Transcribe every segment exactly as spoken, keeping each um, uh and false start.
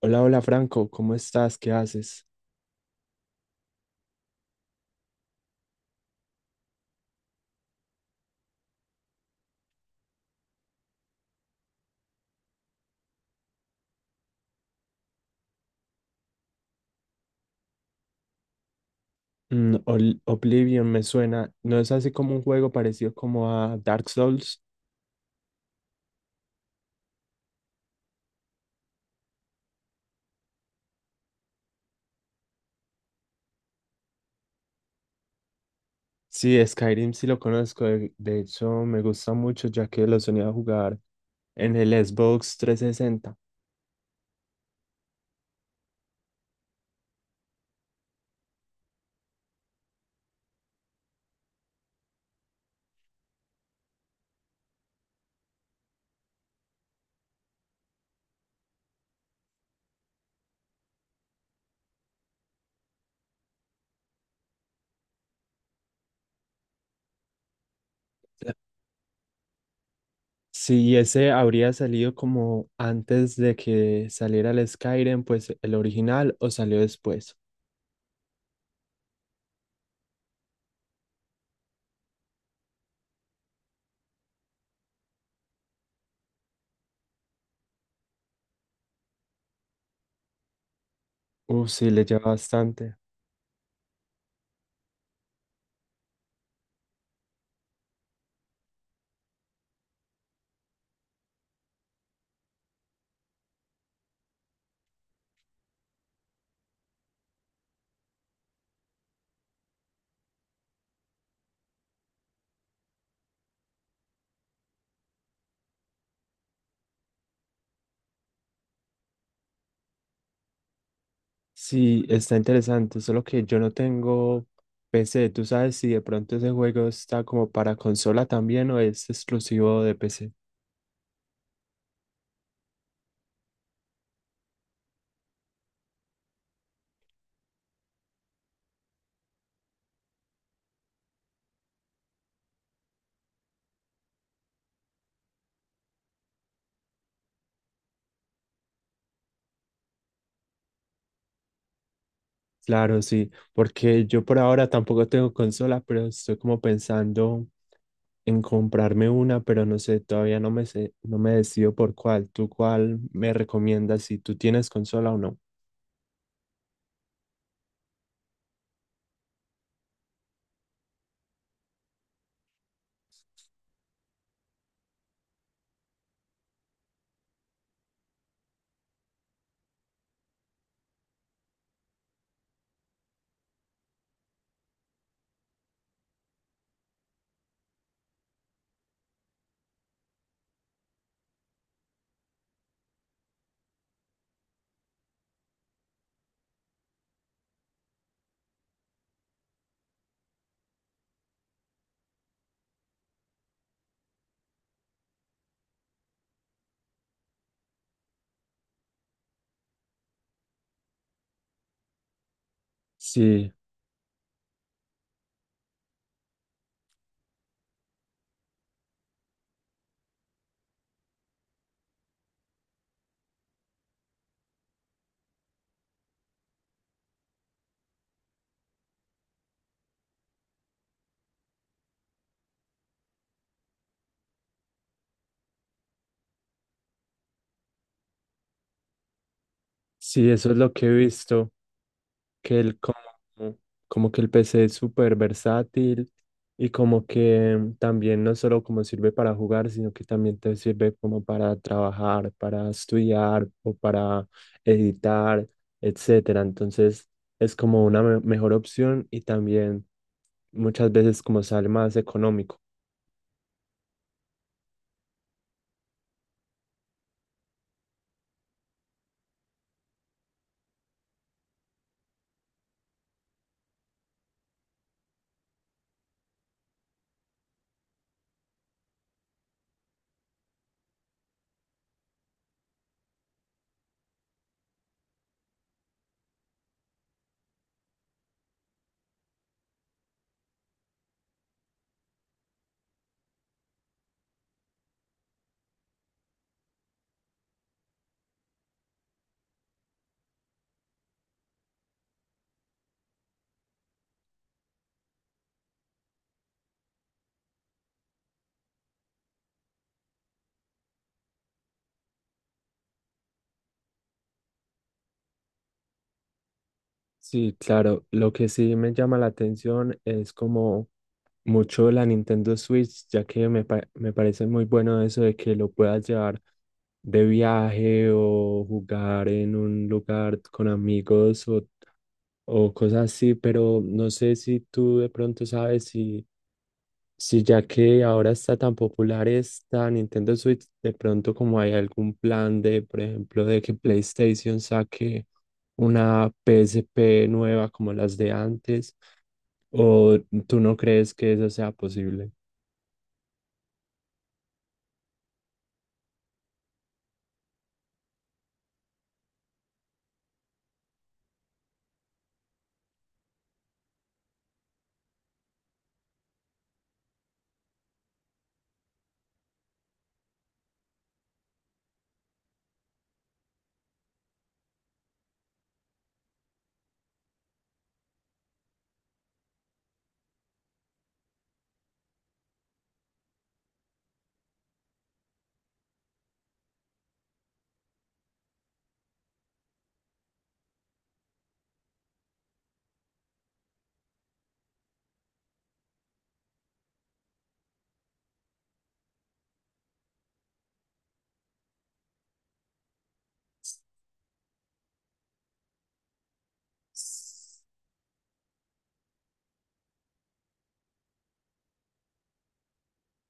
Hola, hola Franco, ¿cómo estás? ¿Qué haces? Mm, Ol- Oblivion me suena. ¿No es así como un juego parecido como a Dark Souls? Sí, Skyrim sí lo conozco. De, de hecho, me gusta mucho ya que lo solía jugar en el Xbox trescientos sesenta. Sí, ese habría salido como antes de que saliera el Skyrim, pues el original, o salió después. Uf, sí, le lleva bastante. Sí, está interesante, solo que yo no tengo P C. ¿Tú sabes si de pronto ese juego está como para consola también o es exclusivo de P C? Claro, sí, porque yo por ahora tampoco tengo consola, pero estoy como pensando en comprarme una, pero no sé, todavía no me sé, no me decido por cuál. ¿Tú cuál me recomiendas si tú tienes consola o no? Sí, sí, eso es lo que he visto. Que el, como, como que el P C es súper versátil y como que también no solo como sirve para jugar, sino que también te sirve como para trabajar, para estudiar o para editar, etcétera. Entonces es como una me- mejor opción y también muchas veces como sale más económico. Sí, claro, lo que sí me llama la atención es como mucho la Nintendo Switch, ya que me, pa- me parece muy bueno eso de que lo puedas llevar de viaje o jugar en un lugar con amigos o, o cosas así, pero no sé si tú de pronto sabes si, si ya que ahora está tan popular esta Nintendo Switch, de pronto como hay algún plan de, por ejemplo, de que PlayStation saque una P S P nueva como las de antes, o tú no crees que eso sea posible.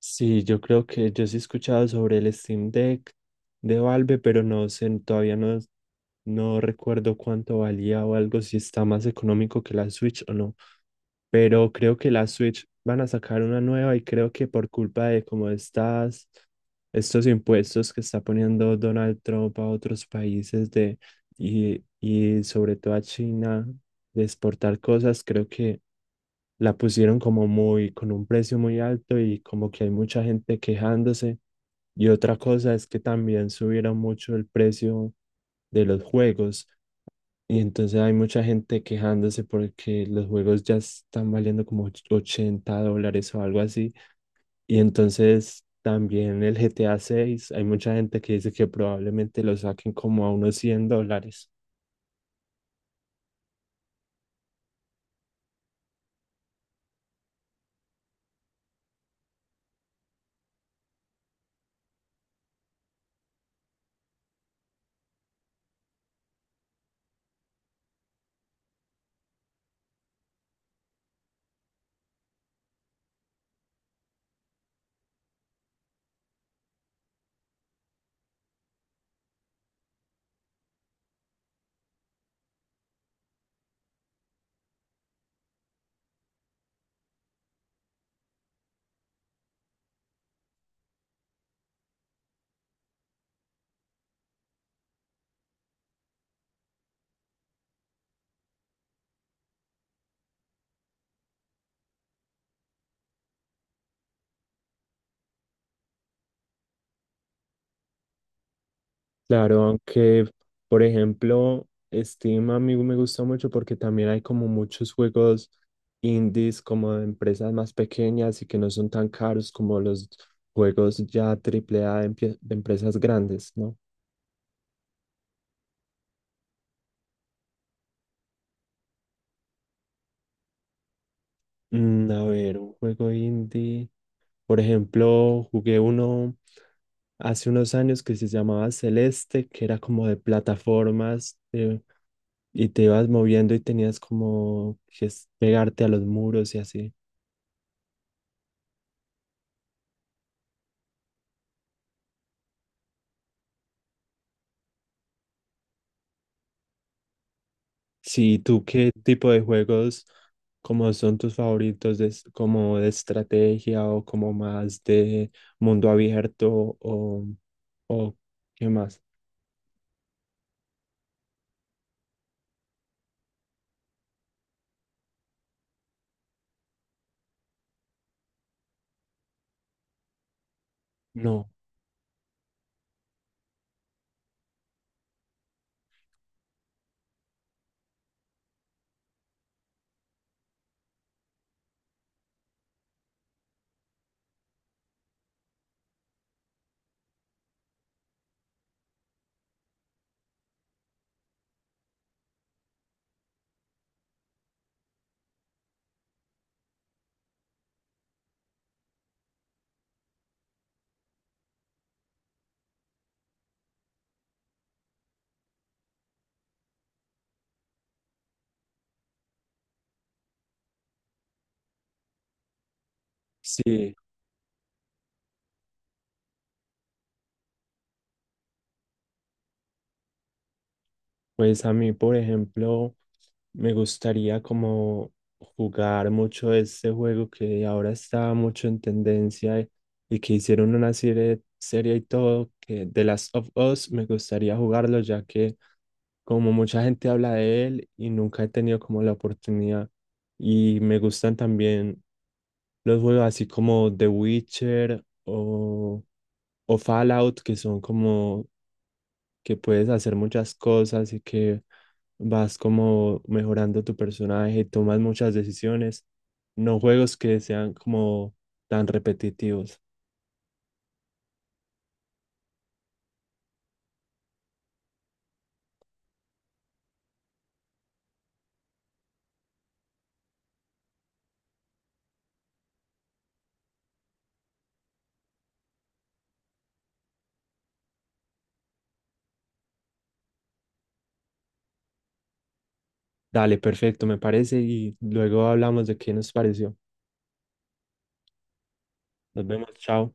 Sí, yo creo que yo sí he escuchado sobre el Steam Deck de Valve, pero no sé, todavía no, no recuerdo cuánto valía o algo, si está más económico que la Switch o no. Pero creo que la Switch van a sacar una nueva y creo que por culpa de como estas, estos impuestos que está poniendo Donald Trump a otros países de, y, y sobre todo a China de exportar cosas, creo que la pusieron como muy, con un precio muy alto y como que hay mucha gente quejándose. Y otra cosa es que también subieron mucho el precio de los juegos. Y entonces hay mucha gente quejándose porque los och- juegos ya están valiendo como och- ochenta dólares o algo así. Y entonces también el GTA seis hay mucha gente que dice que probablemente lo saquen como a unos cien dólares. Claro, aunque, por ejemplo, Steam a mí me gusta mucho porque también hay como muchos juegos indies, como de empresas más pequeñas y que no son tan caros como los juegos ya triple A de, empie- de empresas grandes, ¿no? Mm, a ver, un juego indie. Por ejemplo, jugué uno hace unos años que se llamaba Celeste, que era como de plataformas eh, y te ibas moviendo y tenías como que es- pegarte a los muros y así. Sí, ¿tú qué tipo de juegos como son tus favoritos, de es- como de estrategia o como más de mundo abierto o, o qué más? No, sí. Pues a mí, por ejemplo, me gustaría como jugar mucho ese juego que ahora está mucho en tendencia y y que hicieron una serie, serie y todo, que The Last of Us, me gustaría jugarlo ya que como mucha gente habla de él y nunca he tenido como la oportunidad. Y me gustan también los juegos así como The Witcher o, o Fallout, que son como que puedes hacer muchas cosas y que vas como mejorando tu personaje, tomas muchas decisiones, no juegos que sean como tan repetitivos. Dale, perfecto, me parece, y luego hablamos de qué nos pareció. Nos vemos, chao.